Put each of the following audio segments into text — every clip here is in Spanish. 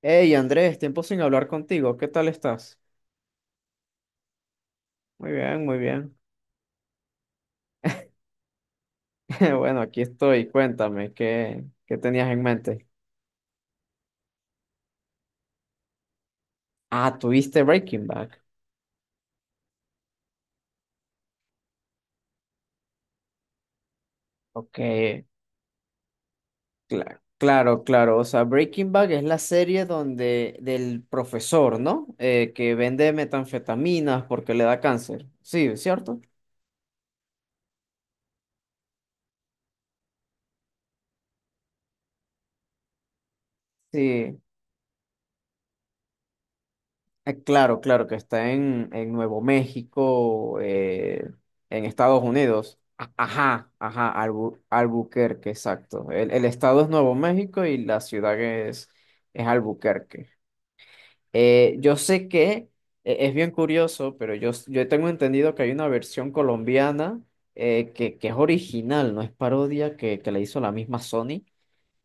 Hey Andrés, tiempo sin hablar contigo, ¿qué tal estás? Muy bien, muy bien. Bueno, aquí estoy, cuéntame, ¿qué tenías en mente? Ah, ¿tuviste Breaking Bad? Ok, claro, claro, o sea, Breaking Bad es la serie donde del profesor, ¿no? Que vende metanfetaminas porque le da cáncer, sí, ¿cierto? Sí. Claro, claro, que está en Nuevo México, en Estados Unidos. Ajá, ajá, Albuquerque, exacto. El estado es Nuevo México y la ciudad es Albuquerque. Yo sé que es bien curioso, pero yo, yo tengo entendido que hay una versión colombiana que es original, no es parodia que le hizo la misma Sony,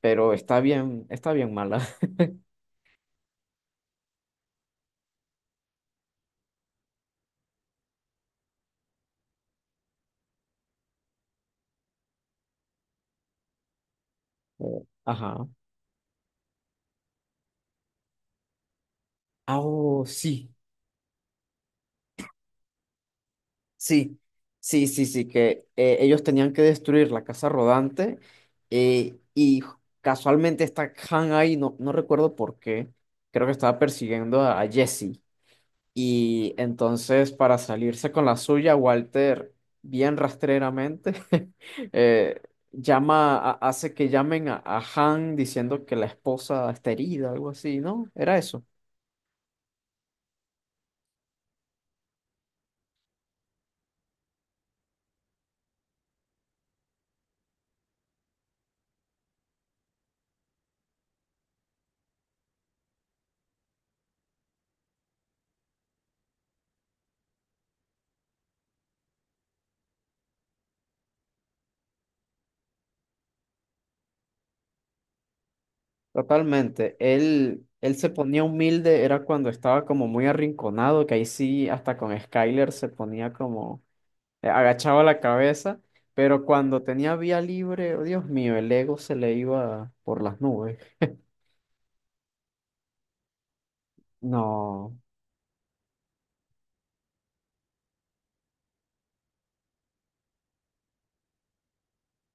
pero está bien mala. Eh, Ajá. Ah, oh, sí. Sí, sí, sí, sí, que ellos tenían que destruir la casa rodante y casualmente está Han ahí, no, no recuerdo por qué, creo que estaba persiguiendo a Jesse y entonces para salirse con la suya, Walter, bien rastreramente, eh, llama, hace que llamen a Han diciendo que la esposa está herida, algo así, ¿no? Era eso. Totalmente. Él se ponía humilde, era cuando estaba como muy arrinconado, que ahí sí, hasta con Skyler se ponía como, agachaba la cabeza, pero cuando tenía vía libre, oh, Dios mío, el ego se le iba por las nubes. No,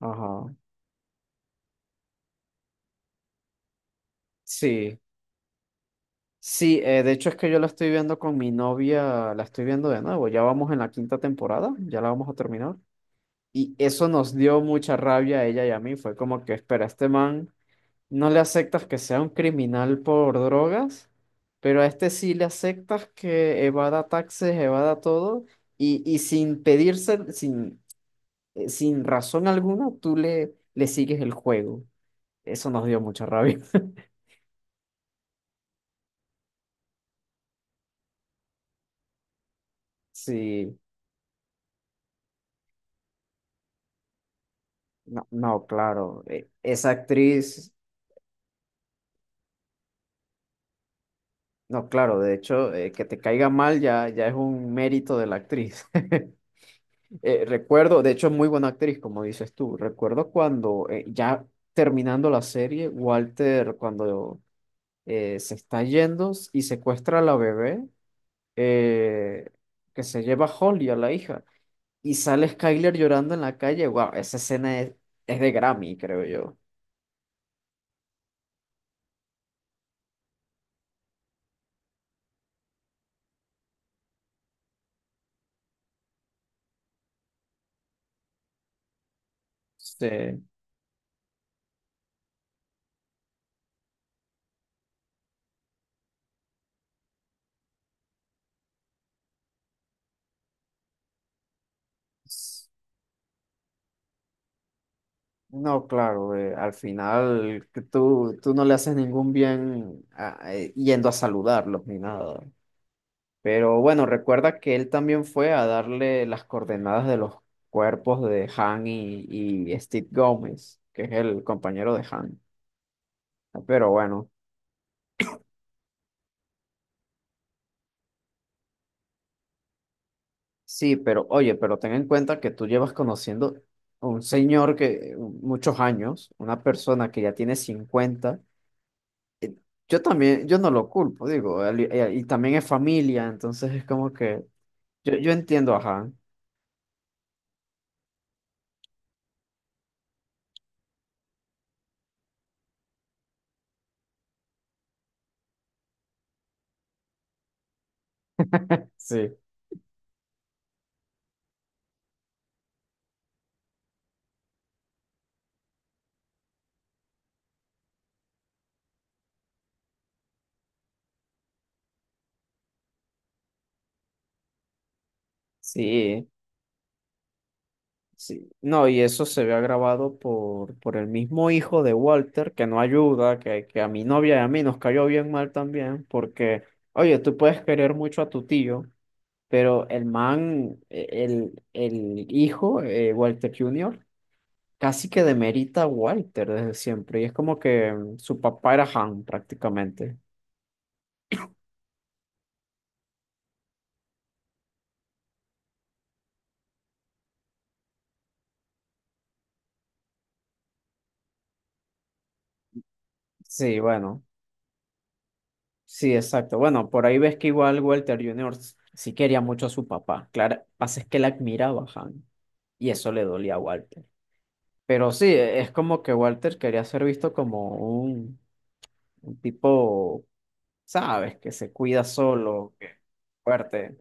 ajá. Sí, sí, de hecho es que yo la estoy viendo con mi novia, la estoy viendo de nuevo, ya vamos en la quinta temporada, ya la vamos a terminar. Y eso nos dio mucha rabia a ella y a mí, fue como que, espera, este man. No le aceptas que sea un criminal por drogas, pero a este sí le aceptas que evada taxes, evada todo, y sin pedirse, sin, sin razón alguna, tú le, le sigues el juego. Eso nos dio mucha rabia. Sí, no, no, claro, esa actriz, no, claro, de hecho, que te caiga mal ya, ya es un mérito de la actriz. Recuerdo, de hecho, es muy buena actriz, como dices tú. Recuerdo cuando ya terminando la serie, Walter, cuando se está yendo y secuestra a la bebé, eh, que se lleva a Holly, a la hija, y sale Skyler llorando en la calle. Wow, esa escena es de Grammy, creo yo. Sí. No, claro, al final que tú no le haces ningún bien yendo a saludarlos ni nada. Pero bueno, recuerda que él también fue a darle las coordenadas de los cuerpos de Han y Steve Gómez, que es el compañero de Han. Pero bueno, sí, pero oye, pero ten en cuenta que tú llevas conociendo a un señor que muchos años, una persona que ya tiene cincuenta. Yo también, yo no lo culpo, digo, y también es familia, entonces es como que yo entiendo a Han. Sí, sí. Sí, no, y eso se ve agravado por el mismo hijo de Walter, que no ayuda, que a mi novia y a mí nos cayó bien mal también, porque, oye, tú puedes querer mucho a tu tío, pero el man, el hijo, Walter Jr., casi que demerita a Walter desde siempre, y es como que mm, su papá era Han prácticamente. Sí, bueno, sí, exacto. Bueno, por ahí ves que igual Walter Jr. sí quería mucho a su papá, claro, pasa es que él admiraba a Han, y eso le dolía a Walter. Pero sí, e, es como que Walter quería ser visto como un, un tipo, ¿sabes? Que se cuida solo, que fuerte.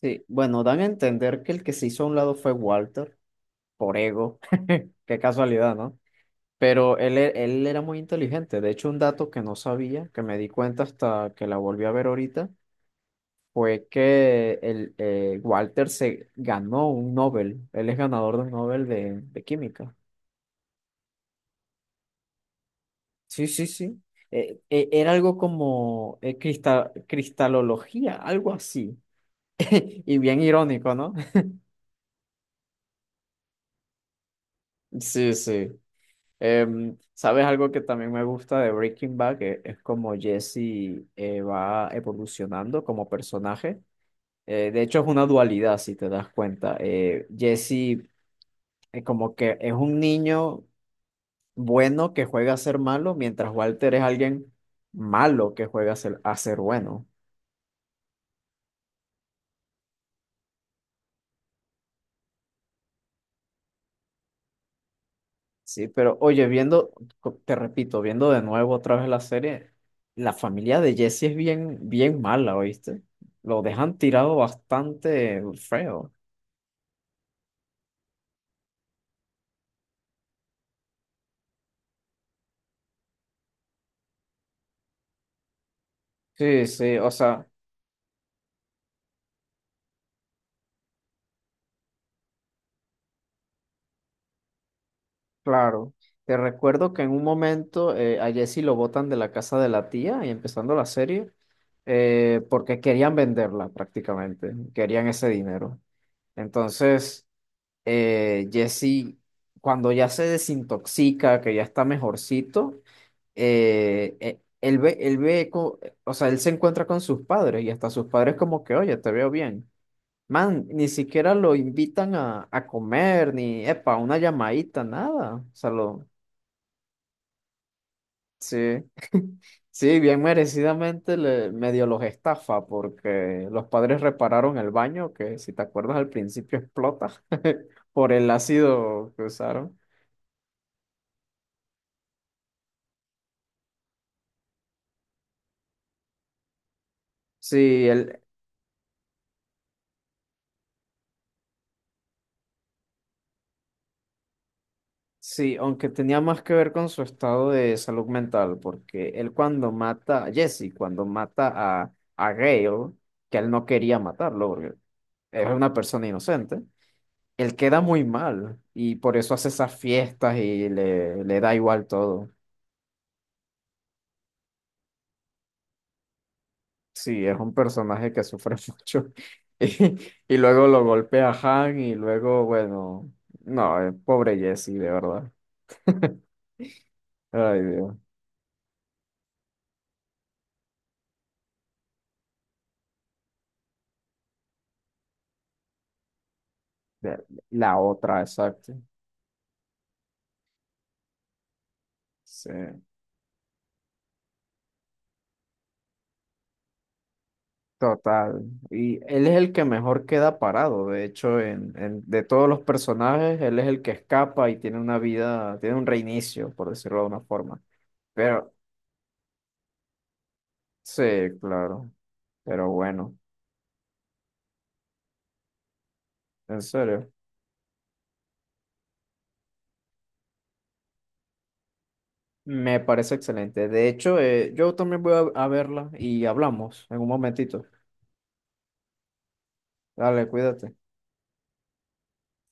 Sí, bueno, dan a entender que el que se hizo a un lado fue Walter, por ego. Qué casualidad, ¿no? Pero él, él era muy inteligente. De hecho, un dato que no sabía, que me di cuenta hasta que la volví a ver ahorita, fue que el, Walter se ganó un Nobel. Él es ganador de un Nobel de química. Sí, sí, sí. Era algo como cristalología, algo así. Y bien irónico, ¿no? Sí, sí. ¿Sabes algo que también me gusta de Breaking Bad? Que es como Jesse va evolucionando como personaje. De hecho, es una dualidad, si te das cuenta. Jesse como que es un niño bueno que juega a ser malo, mientras Walter es alguien malo que juega a ser bueno. Sí, pero oye, viendo, te repito, viendo de nuevo otra vez la serie, la familia de Jesse es bien, bien mala, ¿oíste? Lo dejan tirado bastante feo. Sí, sí, o sea, claro. Te recuerdo que en un momento a Jesse lo botan de la casa de la tía y empezando la serie, porque querían venderla prácticamente, querían ese dinero. Entonces, Jesse, cuando ya se desintoxica, que ya está mejorcito, él ve, o sea, él se encuentra con sus padres y hasta sus padres como que, oye, te veo bien. Man, ni siquiera lo invitan a comer, ni, epa, una llamadita, nada. O sea, lo, sí, sí, bien merecidamente le, medio los estafa porque los padres repararon el baño, que si te acuerdas al principio explota por el ácido que usaron. Sí, él. Sí, aunque tenía más que ver con su estado de salud mental, porque él cuando mata a Jesse, cuando mata a Gale, que él no quería matarlo, porque es una persona inocente, él queda muy mal y por eso hace esas fiestas y le da igual todo. Sí, es un personaje que sufre mucho y, y luego lo golpea a Han y luego, bueno, no, pobre Jesse, de verdad. Ay, Dios. De- La otra, exacto. Sí. Total. Y él es el que mejor queda parado. De hecho, en, de todos los personajes, él es el que escapa y tiene una vida, tiene un reinicio, por decirlo de una forma. Pero, sí, claro. Pero bueno, en serio. Me parece excelente. De hecho, yo también voy a verla y hablamos en un momentito. Dale, cuídate.